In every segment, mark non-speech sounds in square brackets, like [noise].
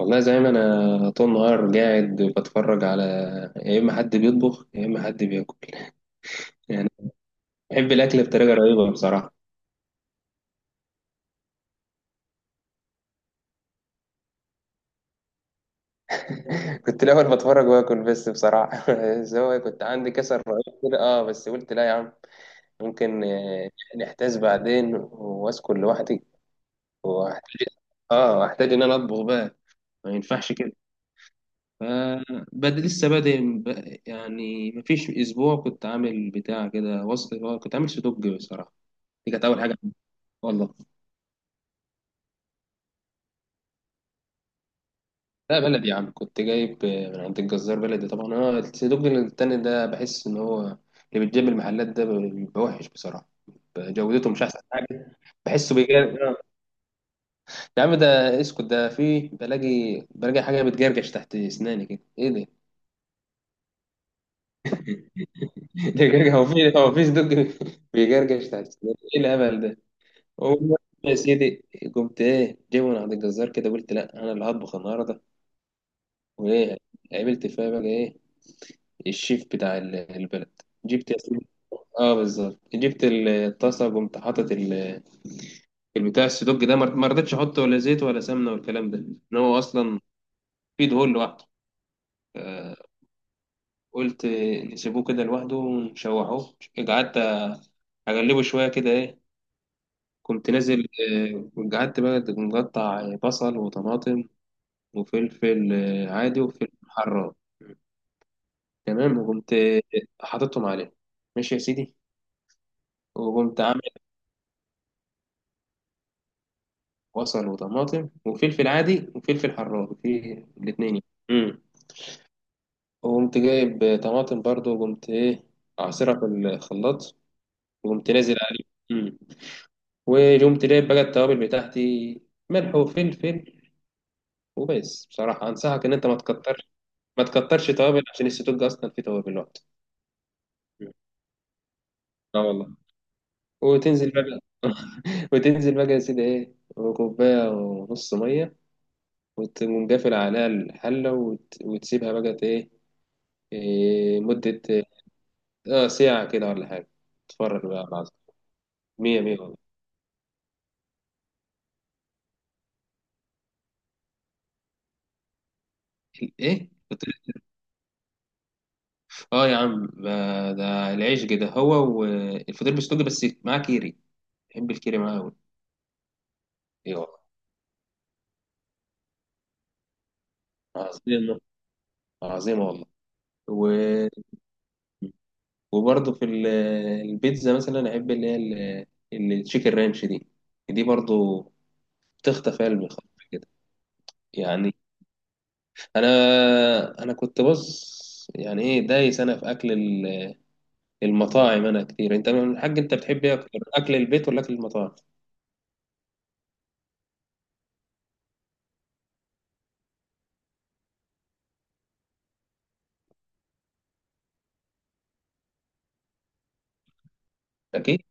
والله زي ما انا طول النهار قاعد بتفرج على، يا اما حد بيطبخ يا اما حد بياكل [laughs] يعني بحب الاكل بطريقه رهيبه بصراحه. [laughs] كنت الاول بتفرج واكل بس بصراحه. [laughs] بس هو كنت عندي كسر رهيب كده، اه بس قلت لا يا عم، ممكن نحتاج بعدين واسكن لوحدي واحتاج، اه احتاج ان انا اطبخ بقى، ما ينفعش كده. فبد لسه بادئ مفيش اسبوع كنت عامل بتاع كده وصفه، كنت عامل سدوج بصراحه. دي كانت اول حاجه. والله لا، بلدي يا عم، كنت جايب من عند الجزار بلدي طبعا. انا الصندوق التاني ده بحس ان هو اللي بيتجاب المحلات ده بيبقى وحش بصراحه، جودته مش احسن حاجه. بحسه بيجار آه. يا عم ده اسكت، ده في بلاقي، بلاقي حاجه بتجرجش تحت اسناني كده، ايه ده؟ [laughs] ده جرجع، هو في صندوق بيجرجش تحت اسناني، ايه الهبل ده؟ والله يا سيدي، قمت ايه جايبه من عند الجزار كده، قلت لا انا اللي هطبخ النهارده. وايه، عملت فيها بقى ايه، الشيف بتاع البلد. جبت، اه بالظبط، جبت الطاسه وقمت حاطط البتاع السدوج ده، ما رضيتش احط ولا زيت ولا سمنه والكلام ده، ان هو اصلا في دهون لوحده. آه، قلت نسيبوه كده لوحده ونشوحوه. قعدت اقلبه شويه كده ايه، كنت نازل. قعدت بقى مقطع بصل وطماطم وفلفل عادي، وفلفل حراق. تمام وقمت حاططهم عليه، ماشي يا سيدي. وقمت بصل وطماطم وفلفل عادي وفلفل حراق في الاتنين يعني. امم وقمت جايب طماطم برضو، وقمت ايه، عصيرها في الخلاط، وقمت نازل عليه. امم وقمت جايب بقى التوابل بتاعتي، ملح وفلفل وبس. بصراحة أنصحك إن أنت ما تكترش توابل، عشان السدوج أصلا فيه توابل لوحده. مم. اه والله. وتنزل بقى [laughs] وتنزل بقى يا سيدي ايه، وكوباية ونص مية، وتقوم قافل عليها الحلة وتسيبها بقى ايه، مدة اه ساعة كده ولا حاجة، اتفرج بقى على العظمة. مية مية والله. ايه فطير، اه يا عم ده، ده العيش كده هو، والفطير بالسجق بس معاه كيري، بحب الكيري معاه قوي. ايه والله، عظيمة، عظيمة والله. و... وبرضه في البيتزا مثلا، احب اللي هي التشيكن رانش دي، دي برضه بتخطف قلبي خالص كده يعني. انا انا كنت بص يعني، ايه دايس انا في اكل المطاعم انا كتير. انت من الحاج، انت بتحب ايه اكتر، اكل البيت ولا اكل المطاعم؟ اكيد.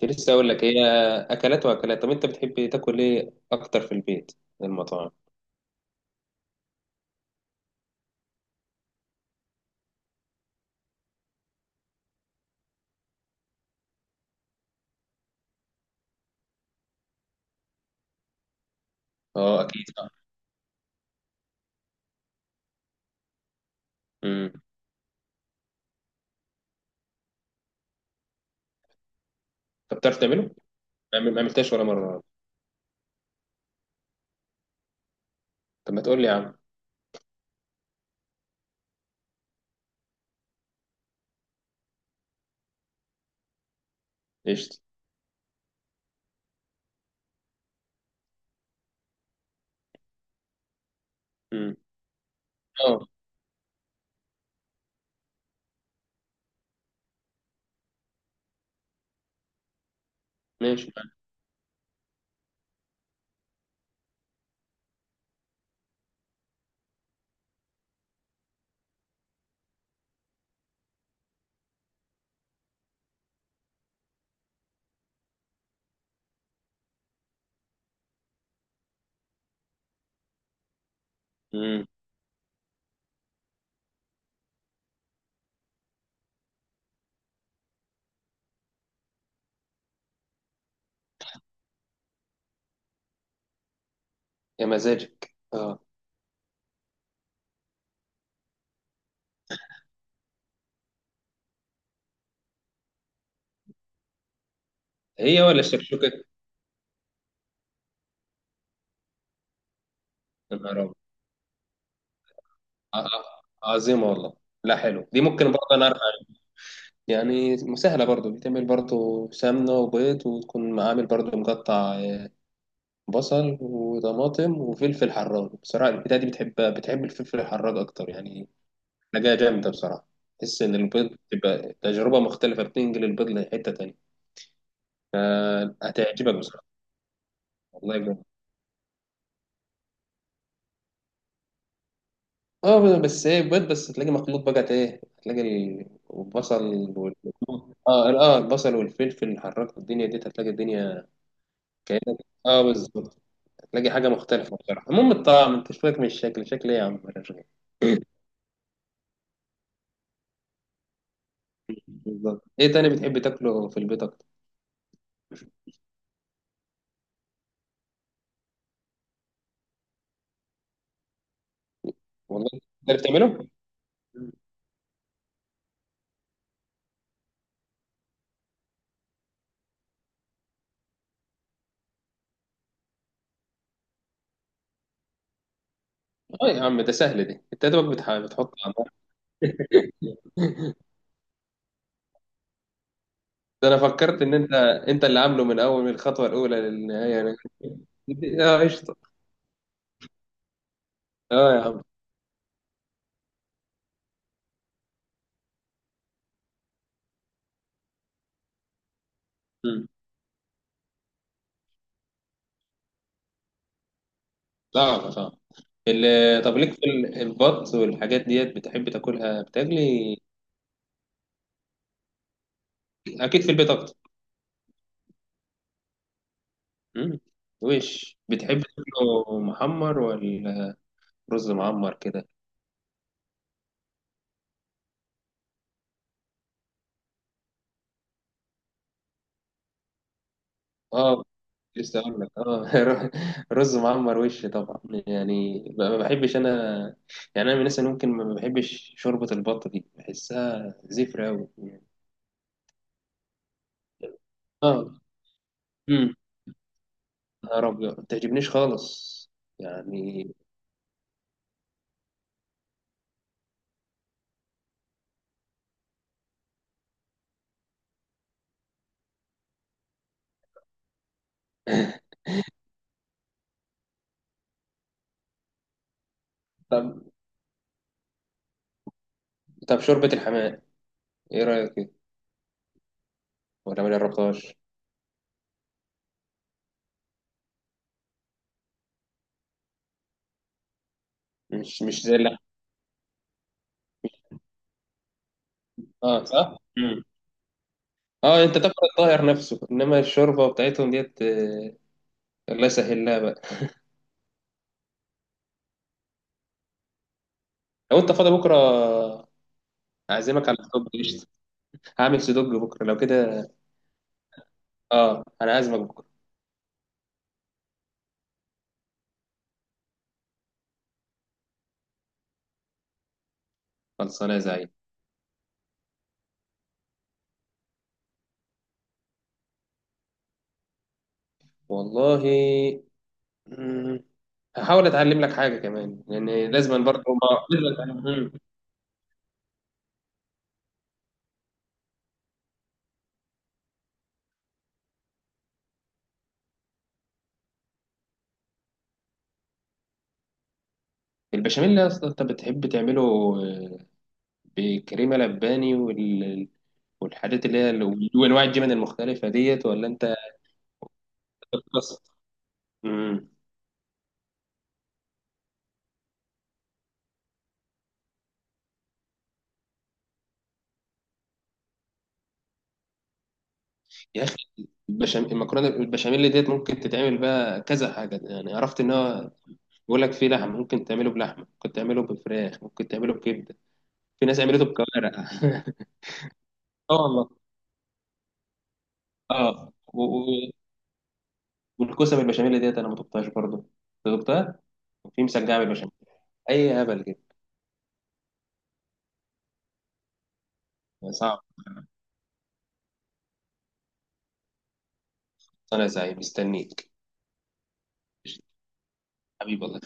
كنت لسه اقول لك، هي اكلات واكلات. طب انت بتحب تاكل ايه اكتر، في البيت ولا المطاعم؟ اه اكيد صح. امم. طب بتعرف تعمله؟ ما عملتهاش ولا مره؟ طب ما تقول لي يا عم. قشطه. امم. اه ماشي. امم. يا مزاجك اه. هي ولا الشكشوكه؟ يا نهار أبيض. آه، عظيمه والله. لا حلو، دي ممكن برضه انا أعرف عنها. يعني سهلة، برضو بتعمل برضو سمنة وبيض، وتكون عامل برضو مقطع بصل وطماطم وفلفل حراج. بصراحة البتاعة دي بتحب الفلفل الحراج أكتر يعني، حاجة جامدة بصراحة. تحس إن البيض بتبقى تجربة مختلفة، بتنقل البيض لحتة تانية. هتعجبك بصراحة، والله بجد. اه بس ايه، بيض بس تلاقي مخلوط بقى ايه، هتلاقي البصل وال اه البصل والفلفل الحراج، الدنيا دي، هتلاقي الدنيا كأنك، اه بالظبط، هتلاقي حاجة مختلفة بصراحة. المهم الطعم، انت شوية من الشكل، شكل ايه يا عم! [laughs] بالظبط. ايه تاني بتحب تاكله في البيض؟ والله. تقدر تعمله؟ اه يا عم ده سهل دي، انت يا دوبك بتحط على النار. ده انا فكرت ان انت اللي عامله من اول، من الخطوه الاولى للنهايه يعني. [laughs] اه قشطه. اه يا عم. مم. صعب. طب ليك في البط والحاجات ديت، بتحب تاكلها بتاكلي؟ اكيد في البيت اكتر. مم. وش بتحب تاكله محمر، ولا رز معمر كده؟ اه لسه اقول لك اه. [laughs] رز معمر وش طبعا، يعني ما بحبش انا. يعني انا من الناس اللي ممكن ما بحبش شوربه البط دي، بحسها زفره قوي يعني. اه. امم. نهار ابيض، ما بتعجبنيش خالص يعني. طب، طب شوربه الحمام ايه رايك فيها؟ ولا ما جربتهاش؟ مش مش زي اللحم. اه صح. امم. اه انت تاكل الطاهر نفسه، انما الشوربه بتاعتهم ديت الله يسهل لها بقى. لو انت فاضي بكره، اعزمك على الطب، هعمل سدوج بكرة لو كده. اه انا عازمك بكرة. خلصانة يا زعيم. والله. مم، هحاول اتعلم لك حاجة كمان، لان لازم برضه، ما لازم اتعلم. البشاميل يا اسطى، انت بتحب تعمله آه، بكريمة لباني والحاجات اللي هي وانواع الجبن المختلفة ديت، ولا انت بتقصد؟ مم. يا اخي البشاميل المكرونة، البشاميل ديت ممكن تتعمل بقى كذا حاجة يعني، عرفت ان هو بيقول لك فيه لحم، ممكن تعمله بلحمة، ممكن تعمله بفراخ، ممكن تعمله بكبدة، في ناس عملته بكوارع. [laughs] اه والله. اه و- و- والكوسه بالبشاميل ديت انا ما دقتهاش برضه، أنت دقتها؟ وفي مسجعه بالبشاميل، اي هبل كده. صعب. انا زي مستنيك. حبيبي والله.